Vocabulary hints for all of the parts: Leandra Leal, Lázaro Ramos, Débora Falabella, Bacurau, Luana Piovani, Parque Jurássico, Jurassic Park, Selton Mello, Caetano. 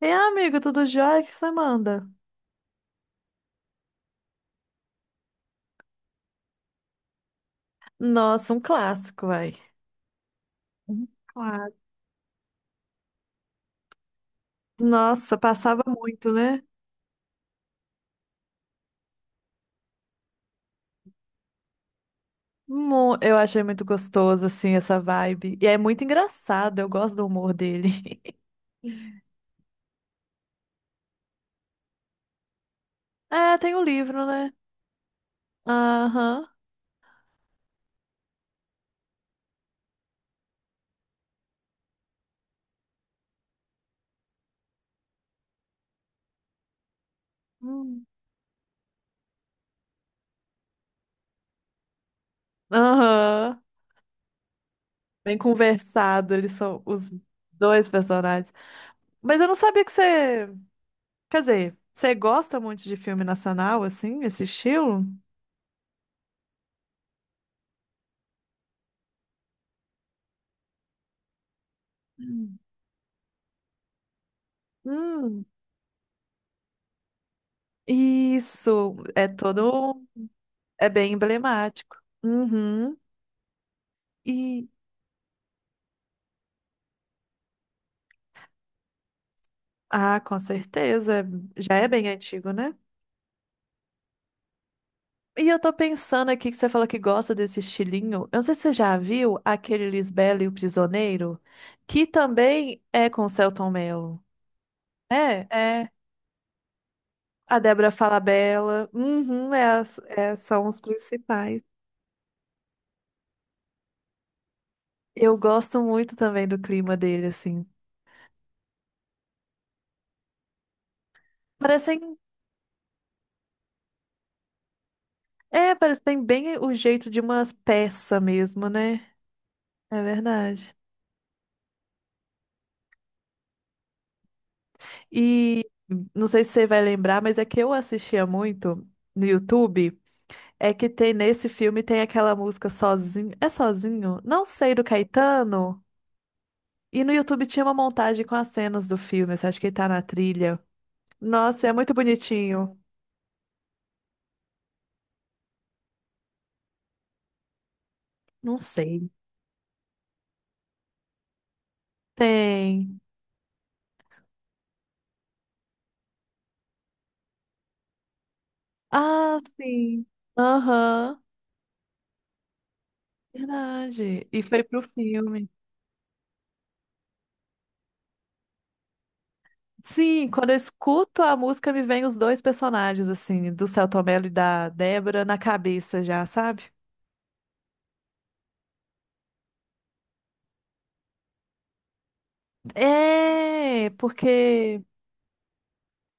E amigo, tudo jóia? O que você manda? Nossa, um clássico, vai. Um clássico. Nossa, passava muito, né? Eu achei muito gostoso, assim, essa vibe. E é muito engraçado, eu gosto do humor dele. É, tem o livro, né? Aham. Hum. Aham. Bem conversado, eles são os dois personagens. Mas eu não sabia que você... Quer dizer, você gosta muito de filme nacional, assim, esse estilo? Hum. Hum. Isso é todo, é bem emblemático. Uhum. E ah, com certeza, já é bem antigo, né? E eu tô pensando aqui que você falou que gosta desse estilinho. Eu não sei se você já viu aquele Lisbela e o Prisioneiro, que também é com o Selton Mello. É, é. A Débora Falabella. Uhum, é, são os principais. Eu gosto muito também do clima dele, assim. Parecem. É, parece que tem bem o jeito de umas peças mesmo, né? É verdade. E não sei se você vai lembrar, mas é que eu assistia muito no YouTube. É que tem nesse filme tem aquela música Sozinho. É Sozinho? Não sei, do Caetano. E no YouTube tinha uma montagem com as cenas do filme. Você acha que ele tá na trilha? Nossa, é muito bonitinho. Não sei. Tem. Ah, sim. Aham. Verdade. E foi pro filme. Sim, quando eu escuto a música, me vem os dois personagens, assim, do Selton Mello e da Débora na cabeça já, sabe? É, porque,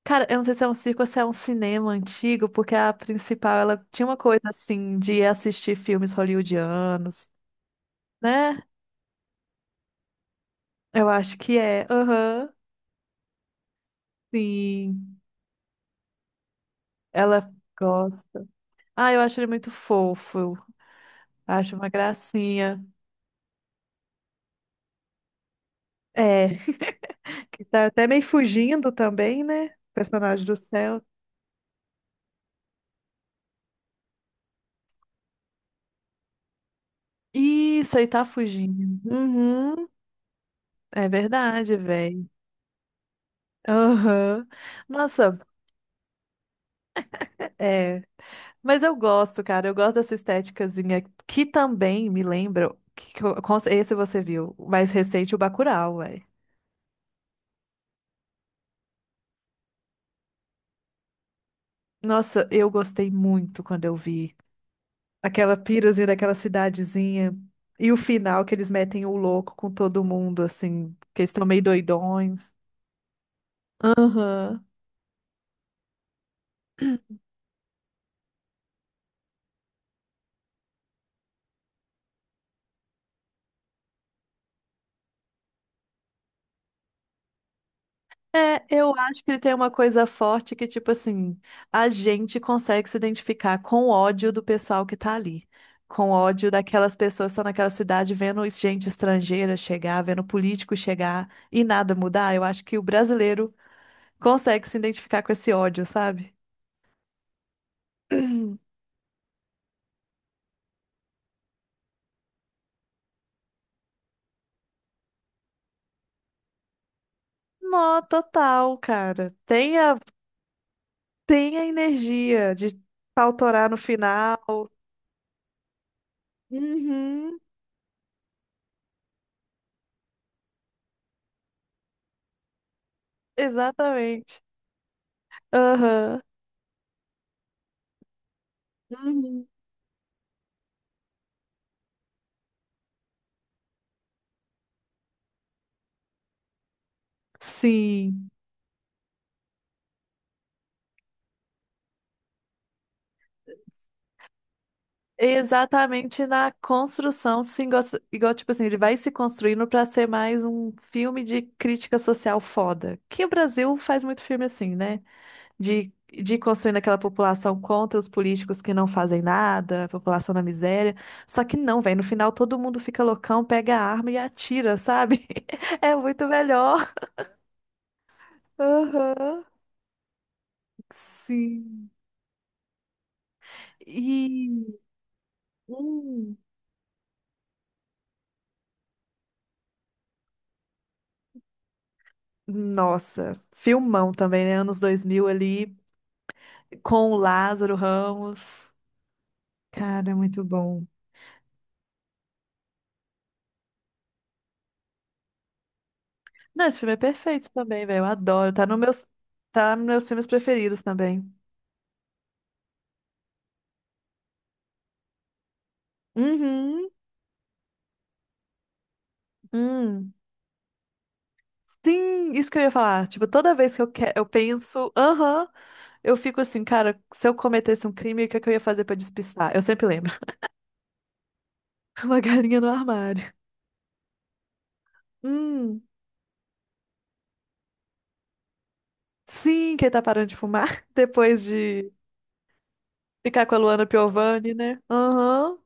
cara, eu não sei se é um circo ou se é um cinema antigo, porque a principal, ela tinha uma coisa, assim, de assistir filmes hollywoodianos, né? Eu acho que é, aham, sim, ela gosta. Ah, eu acho ele muito fofo, acho uma gracinha. É, que tá até meio fugindo também, né? Personagem do céu. Isso aí tá fugindo. Uhum, é verdade, velho. Aham. Nossa, é. Mas eu gosto, cara. Eu gosto dessa estéticazinha que também me lembra. Esse você viu, o mais recente, o Bacurau, velho. Nossa, eu gostei muito quando eu vi aquela pirazinha daquela cidadezinha. E o final que eles metem o louco com todo mundo, assim, que eles estão meio doidões. Aham. É, eu acho que ele tem uma coisa forte que, tipo assim, a gente consegue se identificar com o ódio do pessoal que tá ali. Com o ódio daquelas pessoas que estão naquela cidade vendo gente estrangeira chegar, vendo político chegar e nada mudar. Eu acho que o brasileiro consegue se identificar com esse ódio, sabe? Nó, total, cara. Tem a energia de pautorar no final. Uhum, exatamente. Aham. Uhum. Sim. Exatamente na construção, sim, igual, tipo assim, ele vai se construindo pra ser mais um filme de crítica social foda. Que o Brasil faz muito filme assim, né? De ir construindo aquela população contra os políticos que não fazem nada, a população na miséria. Só que não, velho, no final todo mundo fica loucão, pega a arma e atira, sabe? É muito melhor. Aham. Sim. E. Hum. Nossa, filmão também, né? Anos 2000 ali. Com o Lázaro Ramos. Cara, muito bom. Não, esse filme é perfeito também, velho. Eu adoro. Tá no meus, tá nos meus filmes preferidos também. Uhum. Hum. Sim, isso que eu ia falar. Tipo, toda vez eu penso, aham, eu fico assim, cara, se eu cometesse um crime, o que é que eu ia fazer pra despistar? Eu sempre lembro. Uma galinha no armário. Hum. Sim, quem tá parando de fumar depois de ficar com a Luana Piovani, né? Aham,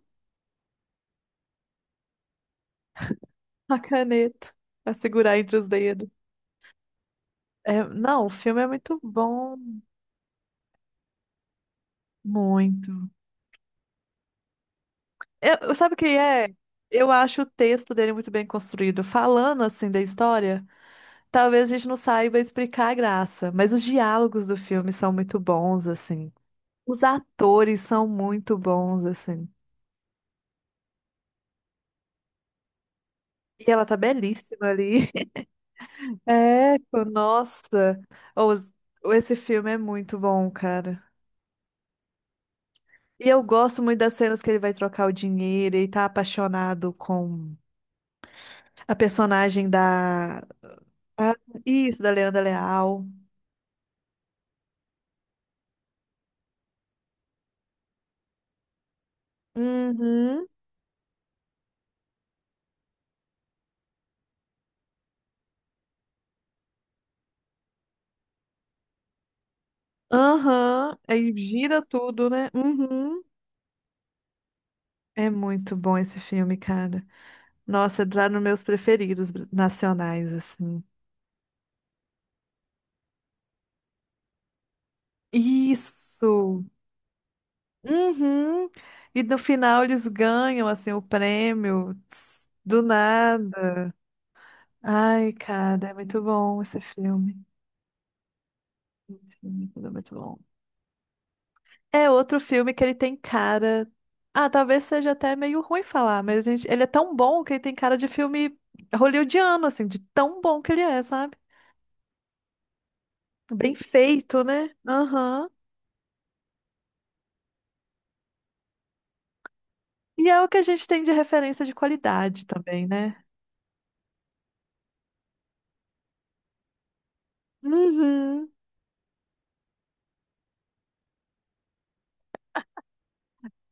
a caneta. Pra segurar entre os dedos. É, não, o filme é muito bom, muito. Sabe o que é? Eu acho o texto dele muito bem construído. Falando assim da história, talvez a gente não saiba explicar a graça, mas os diálogos do filme são muito bons, assim. Os atores são muito bons, assim. E ela tá belíssima ali. É, pô, nossa. Os- Esse filme é muito bom, cara. E eu gosto muito das cenas que ele vai trocar o dinheiro e tá apaixonado com a personagem da... Ah, isso, da Leandra Leal. Uhum. Aham. Aí gira tudo, né? Uhum. É muito bom esse filme, cara. Nossa, é lá nos meus preferidos nacionais, assim. Isso! Uhum. E no final eles ganham, assim, o prêmio. Tss, do nada. Ai, cara, é muito bom esse filme. Esse filme é muito bom. É outro filme que ele tem cara. Ah, talvez seja até meio ruim falar, mas gente, ele é tão bom que ele tem cara de filme hollywoodiano, assim, de tão bom que ele é, sabe? Bem feito, né? Aham. E é o que a gente tem de referência de qualidade também, né? Uhum.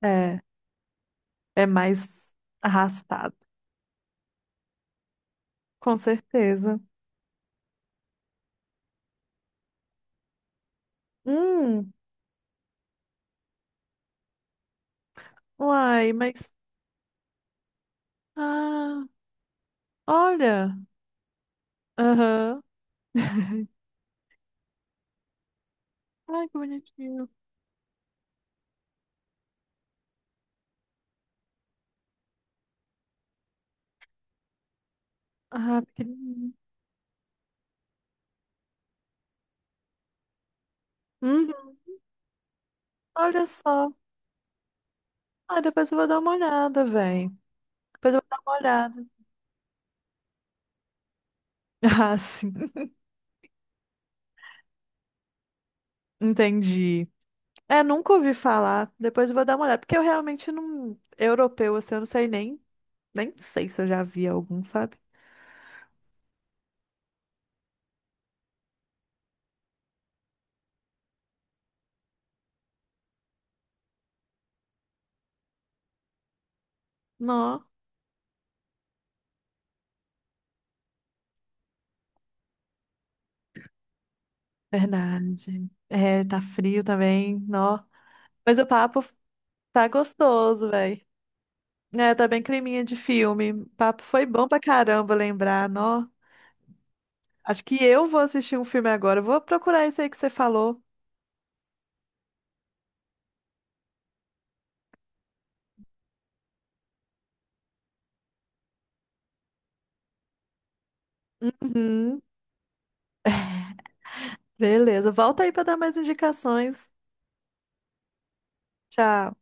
É, é mais arrastado, com certeza. Hum. Uai, mas. Ah, olha! Aham. Ai, que bonitinho. Ah, pequenininho. Uhum. Olha só. Ah, depois eu vou dar uma olhada, velho. Depois eu vou dar uma olhada. Ah, sim, entendi. É, nunca ouvi falar. Depois eu vou dar uma olhada, porque eu realmente não. Europeu, assim, eu não sei nem. Nem sei se eu já vi algum, sabe? Não. Verdade. É, tá frio também, nó. Mas o papo tá gostoso, velho. É, tá bem creminha de filme. O papo foi bom pra caramba lembrar, nó. Acho que eu vou assistir um filme agora. Eu vou procurar esse aí que você falou. Uhum. Beleza, volta aí para dar mais indicações. Tchau.